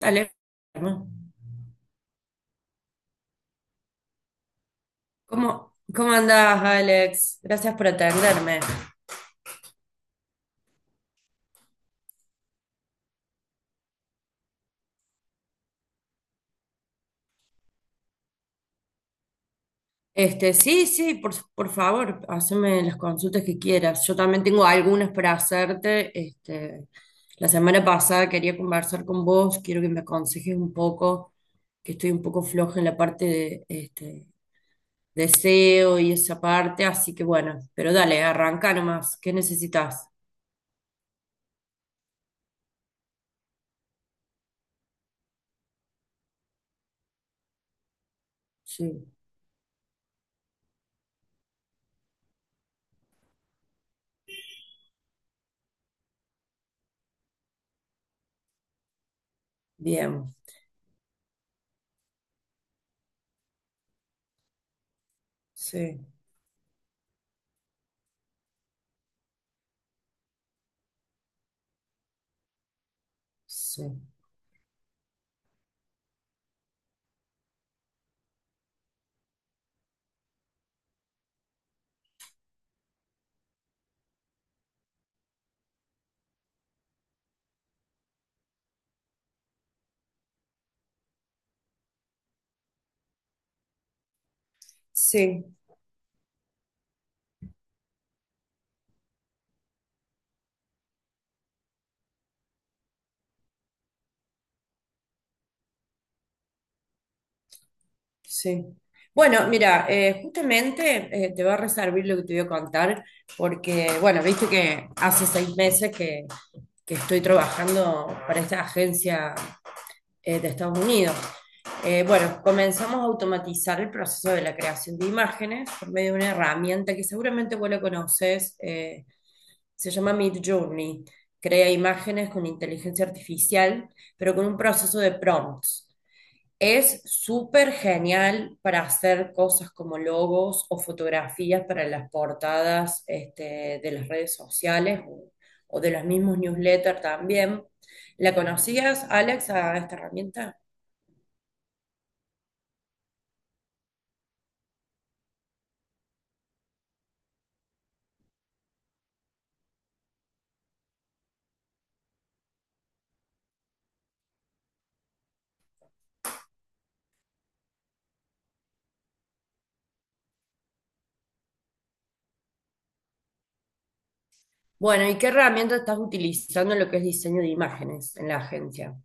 Alex, ¿Cómo andás, Alex? Gracias por atenderme. Este, sí, por favor, haceme las consultas que quieras. Yo también tengo algunas para hacerte. Este, la semana pasada quería conversar con vos, quiero que me aconsejes un poco, que estoy un poco floja en la parte de este, deseo y esa parte, así que bueno, pero dale, arranca nomás. ¿Qué necesitas? Sí, bien, sí, sí. Sí. Sí. Bueno, mira, justamente te va a reservar lo que te voy a contar, porque, bueno, viste que hace seis meses que estoy trabajando para esta agencia de Estados Unidos. Bueno, comenzamos a automatizar el proceso de la creación de imágenes por medio de una herramienta que seguramente vos la conoces, se llama Midjourney. Crea imágenes con inteligencia artificial, pero con un proceso de prompts. Es súper genial para hacer cosas como logos o fotografías para las portadas este, de las redes sociales o de los mismos newsletters también. ¿La conocías, Alex, a esta herramienta? Bueno, ¿y qué herramienta estás utilizando en lo que es diseño de imágenes en la agencia?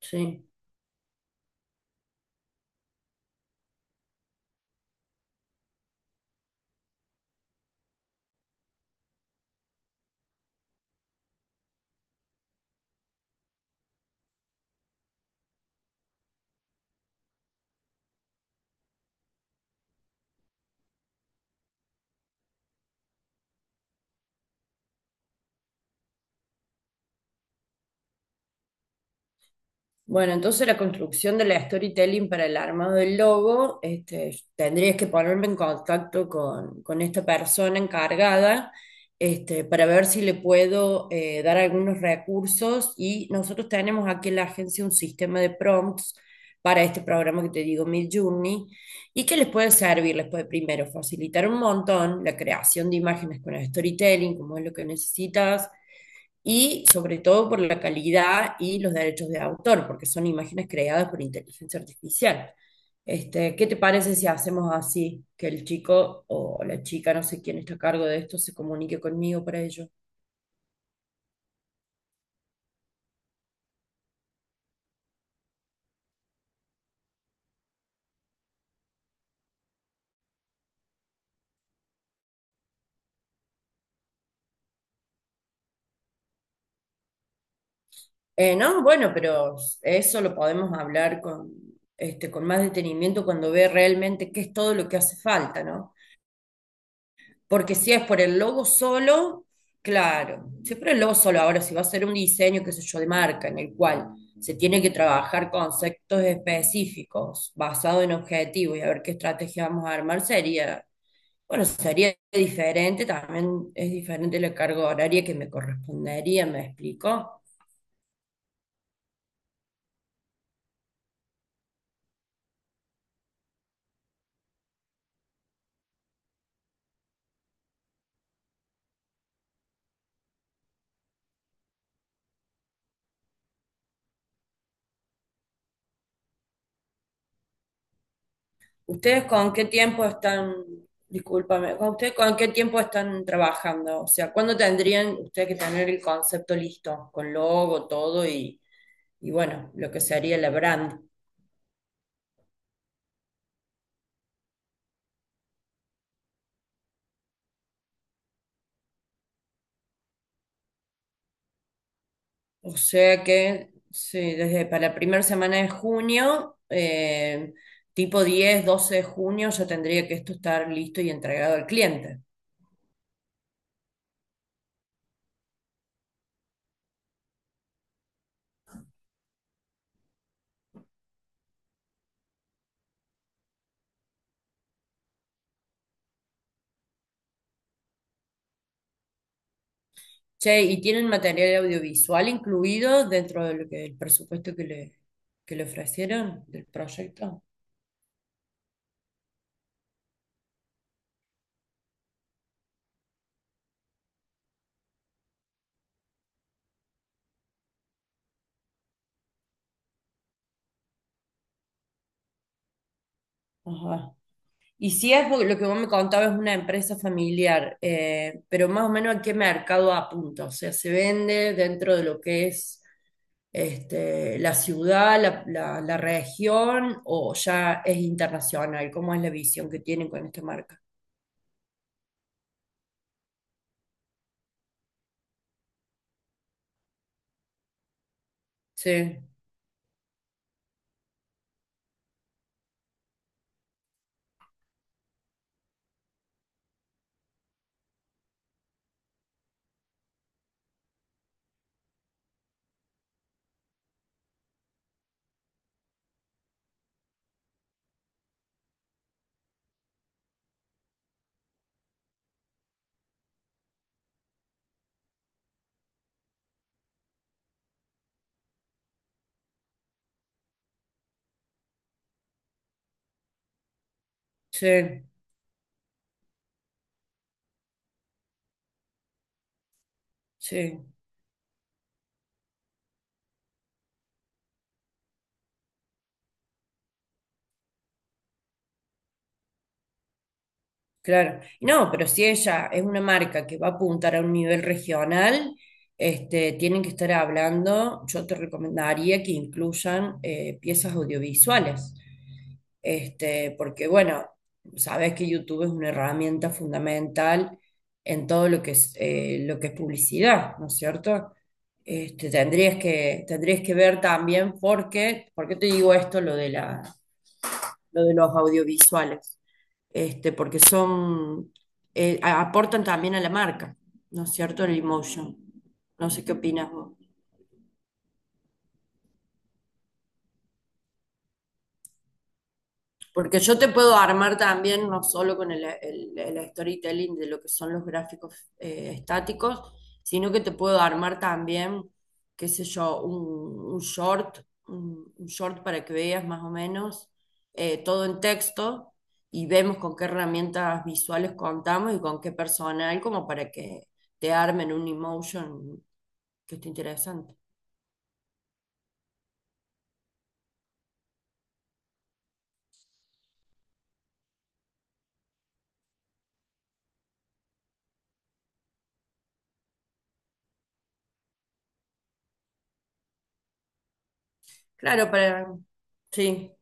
Sí. Bueno, entonces la construcción de la storytelling para el armado del logo, este, tendrías que ponerme en contacto con esta persona encargada, este, para ver si le puedo dar algunos recursos y nosotros tenemos aquí en la agencia un sistema de prompts para este programa que te digo, Midjourney, y que les puede servir, les puede primero facilitar un montón la creación de imágenes con el storytelling, como es lo que necesitas y sobre todo por la calidad y los derechos de autor, porque son imágenes creadas por inteligencia artificial. Este, ¿qué te parece si hacemos así, que el chico o la chica, no sé quién está a cargo de esto, se comunique conmigo para ello? No, bueno, pero eso lo podemos hablar con, este, con más detenimiento cuando ve realmente qué es todo lo que hace falta, ¿no? Porque si es por el logo solo, claro, si es por el logo solo, ahora si va a ser un diseño, qué sé yo, de marca, en el cual se tiene que trabajar conceptos específicos basados en objetivos y a ver qué estrategia vamos a armar, sería, bueno, sería diferente, también es diferente la carga horaria que me correspondería, ¿me explico? ¿Ustedes con qué tiempo están, discúlpame, con ustedes con qué tiempo están trabajando? O sea, ¿cuándo tendrían ustedes que tener el concepto listo, con logo, todo y bueno, lo que sería la brand? O sea que, sí, desde para la primera semana de junio, tipo 10 12 de junio, ya tendría que esto estar listo y entregado al cliente. Che, ¿y tienen material audiovisual incluido dentro de lo que, el presupuesto que le ofrecieron del proyecto? Ajá. Y si es porque lo que vos me contabas es una empresa familiar, pero más o menos a qué mercado apunta, o sea, se vende dentro de lo que es este, la ciudad, la- la región, o ya es internacional, ¿cómo es la visión que tienen con esta marca? Sí, sí, sí. Claro. No, pero si ella es una marca que va a apuntar a un nivel regional, este, tienen que estar hablando, yo te recomendaría que incluyan piezas audiovisuales. Este, porque bueno, sabes que YouTube es una herramienta fundamental en todo lo que es publicidad, ¿no es cierto? Este, tendrías que ver también por qué te digo esto, lo de la, lo de los audiovisuales, este, porque son, aportan también a la marca, ¿no es cierto? El emotion. No sé qué opinas vos. Porque yo te puedo armar también, no solo con el storytelling de lo que son los gráficos estáticos, sino que te puedo armar también, qué sé yo, un short para que veas más o menos todo en texto y vemos con qué herramientas visuales contamos y con qué personal, como para que te armen un emotion que esté interesante. Claro, para... Sí,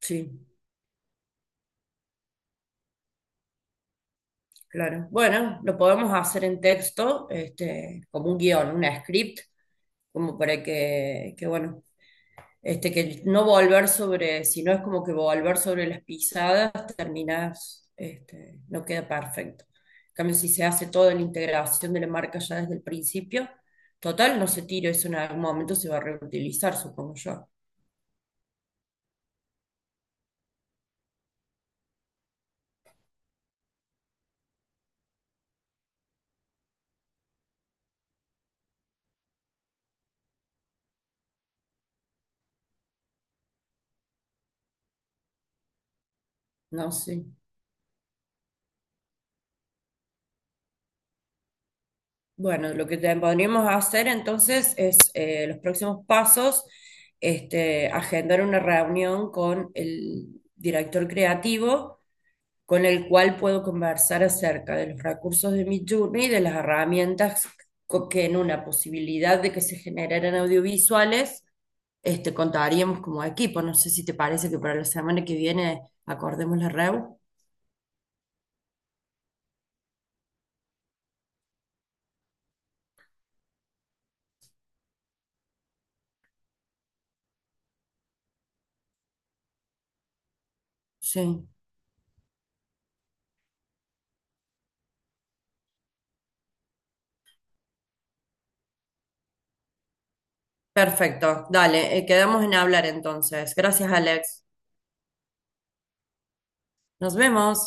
sí. Claro. Bueno, lo podemos hacer en texto, este, como un guión, una script, como para que bueno, este, que no volver sobre, si no es como que volver sobre las pisadas, terminas, este, no queda perfecto. En cambio, si se hace toda la integración de la marca ya desde el principio, total, no se tira, eso en algún momento se va a reutilizar, supongo yo. No sé. Bueno, lo que te- podríamos hacer entonces es los próximos pasos, este, agendar una reunión con el director creativo, con el cual puedo conversar acerca de los recursos de Midjourney y de las herramientas co- que en una posibilidad de que se generaran audiovisuales, este, contaríamos como equipo. No sé si te parece que para la semana que viene acordemos la REU. Sí, perfecto. Dale, quedamos en hablar entonces. Gracias, Alex. Nos vemos.